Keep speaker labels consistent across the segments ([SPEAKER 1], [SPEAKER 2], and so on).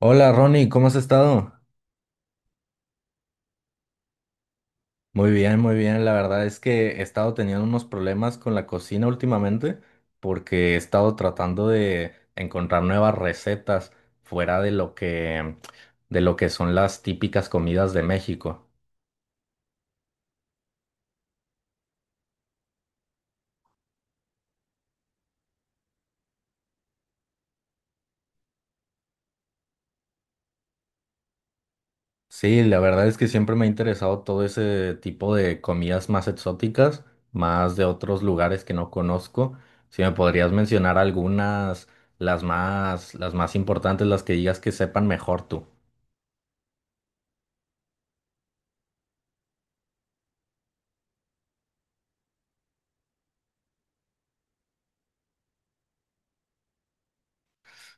[SPEAKER 1] Hola Ronnie, ¿cómo has estado? Muy bien, muy bien. La verdad es que he estado teniendo unos problemas con la cocina últimamente porque he estado tratando de encontrar nuevas recetas fuera de lo que son las típicas comidas de México. Sí, la verdad es que siempre me ha interesado todo ese tipo de comidas más exóticas, más de otros lugares que no conozco. Si me podrías mencionar algunas, las más importantes, las que digas que sepan mejor tú.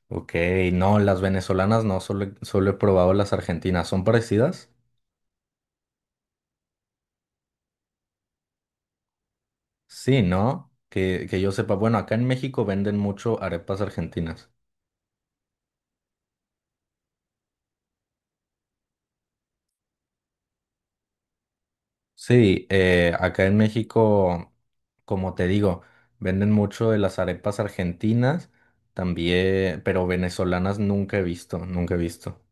[SPEAKER 1] Ok, no, las venezolanas no, solo, solo he probado las argentinas. ¿Son parecidas? Sí, ¿no? Que yo sepa, bueno, acá en México venden mucho arepas argentinas. Sí, acá en México, como te digo, venden mucho de las arepas argentinas, también, pero venezolanas nunca he visto, nunca he visto.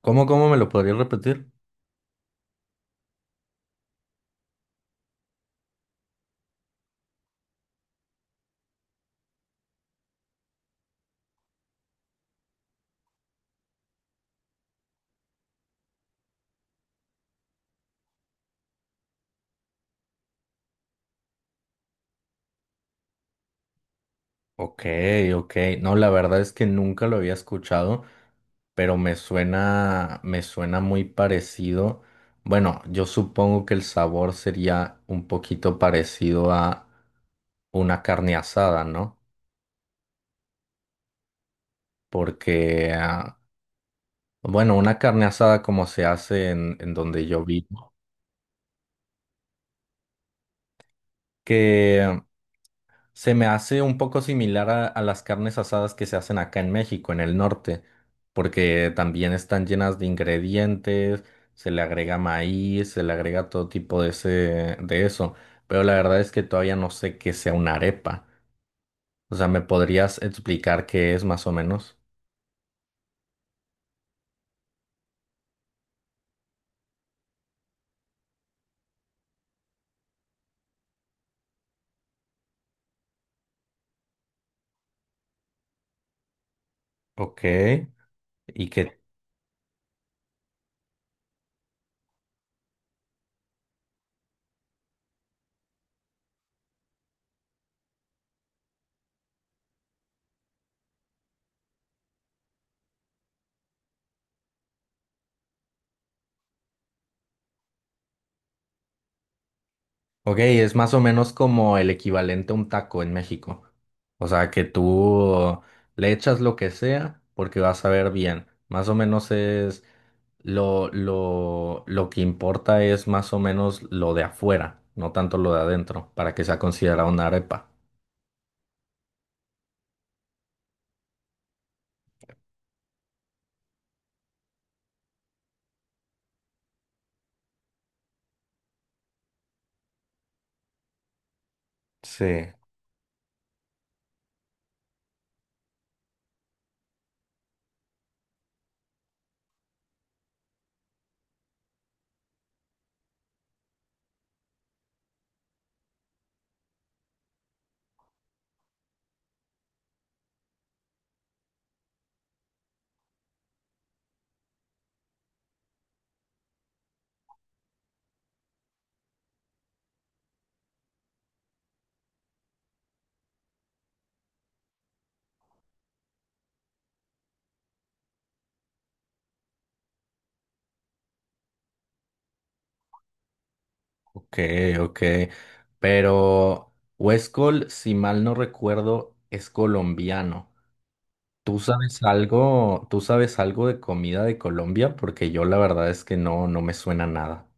[SPEAKER 1] ¿Cómo me lo podrías repetir? Ok, ok. No, la verdad es que nunca lo había escuchado, pero me suena muy parecido. Bueno, yo supongo que el sabor sería un poquito parecido a una carne asada, ¿no? Porque, ah, bueno, una carne asada como se hace en donde yo vivo. Se me hace un poco similar a las carnes asadas que se hacen acá en México, en el norte, porque también están llenas de ingredientes, se le agrega maíz, se le agrega todo tipo de de eso, pero la verdad es que todavía no sé qué sea una arepa. O sea, ¿me podrías explicar qué es más o menos? Ok. ¿Y qué? Ok, es más o menos como el equivalente a un taco en México. O sea, que tú le echas lo que sea porque vas a ver bien. Más o menos es lo que importa es más o menos lo de afuera, no tanto lo de adentro, para que sea considerada una arepa. Sí, ok, ok. Pero Huescol, si mal no recuerdo, es colombiano. Tú sabes algo de comida de Colombia? Porque yo la verdad es que no, no me suena nada.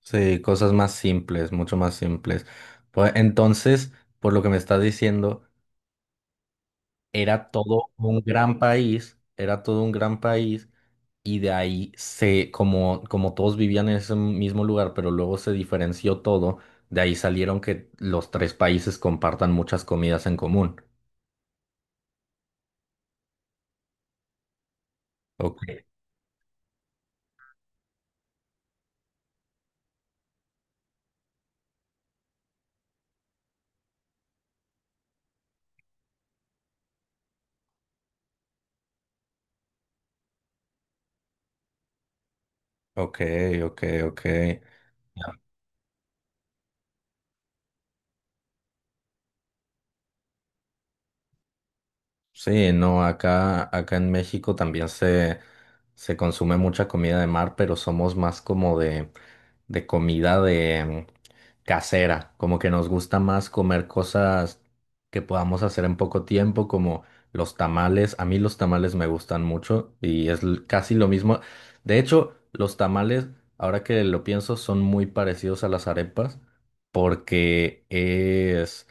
[SPEAKER 1] Sí, cosas más simples, mucho más simples. Pues entonces, por lo que me estás diciendo, era todo un gran país, era todo un gran país y de ahí se, como, como todos vivían en ese mismo lugar, pero luego se diferenció todo, de ahí salieron que los tres países compartan muchas comidas en común. Ok, ok, ok, ok. Sí, no, acá en México también se consume mucha comida de mar, pero somos más como de comida de casera, como que nos gusta más comer cosas que podamos hacer en poco tiempo, como los tamales. A mí los tamales me gustan mucho y es casi lo mismo. De hecho, los tamales, ahora que lo pienso, son muy parecidos a las arepas porque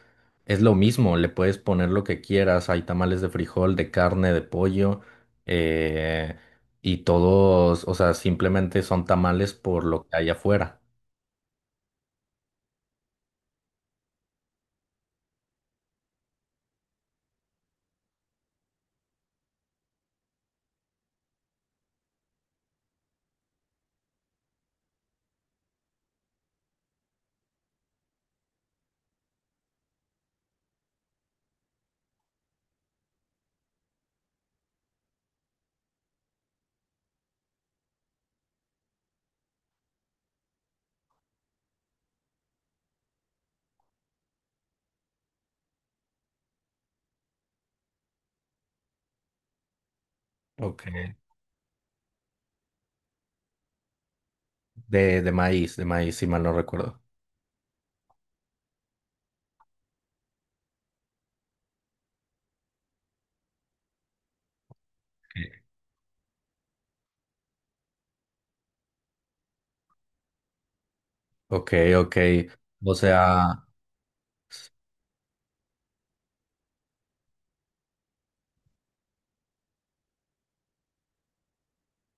[SPEAKER 1] es lo mismo, le puedes poner lo que quieras, hay tamales de frijol, de carne, de pollo, eh, y todos, o sea, simplemente son tamales por lo que hay afuera. Ok. De maíz, si mal no recuerdo. Ok, ok. O sea,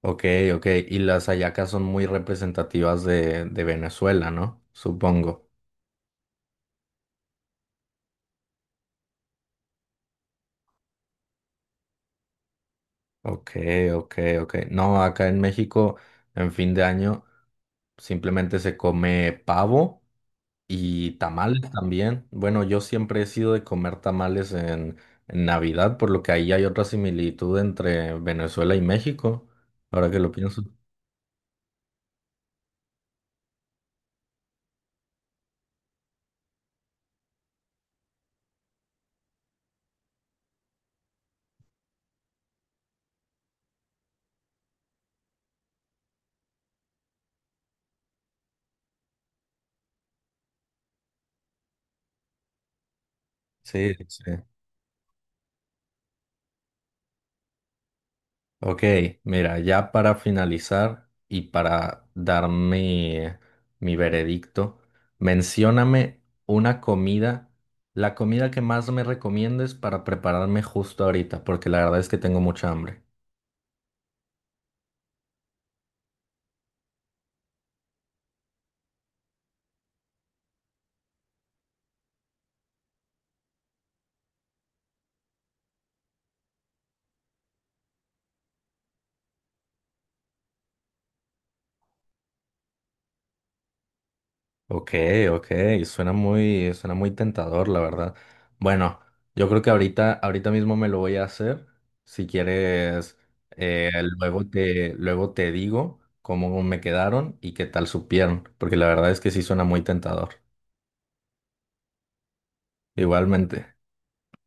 [SPEAKER 1] ok, ok. Y las hallacas son muy representativas de Venezuela, ¿no? Supongo. Ok, ok, ok. No, acá en México, en fin de año, simplemente se come pavo. Y tamales también. Bueno, yo siempre he sido de comer tamales en Navidad, por lo que ahí hay otra similitud entre Venezuela y México, ahora que lo pienso. Sí, sí. Ok, mira, ya para finalizar y para dar mi, mi veredicto, mencióname una comida, la comida que más me recomiendes para prepararme justo ahorita, porque la verdad es que tengo mucha hambre. Ok, ok, suena muy tentador, la verdad. Bueno, yo creo que ahorita, ahorita mismo me lo voy a hacer. Si quieres, eh, luego te digo cómo me quedaron y qué tal supieron, porque la verdad es que sí suena muy tentador. Igualmente.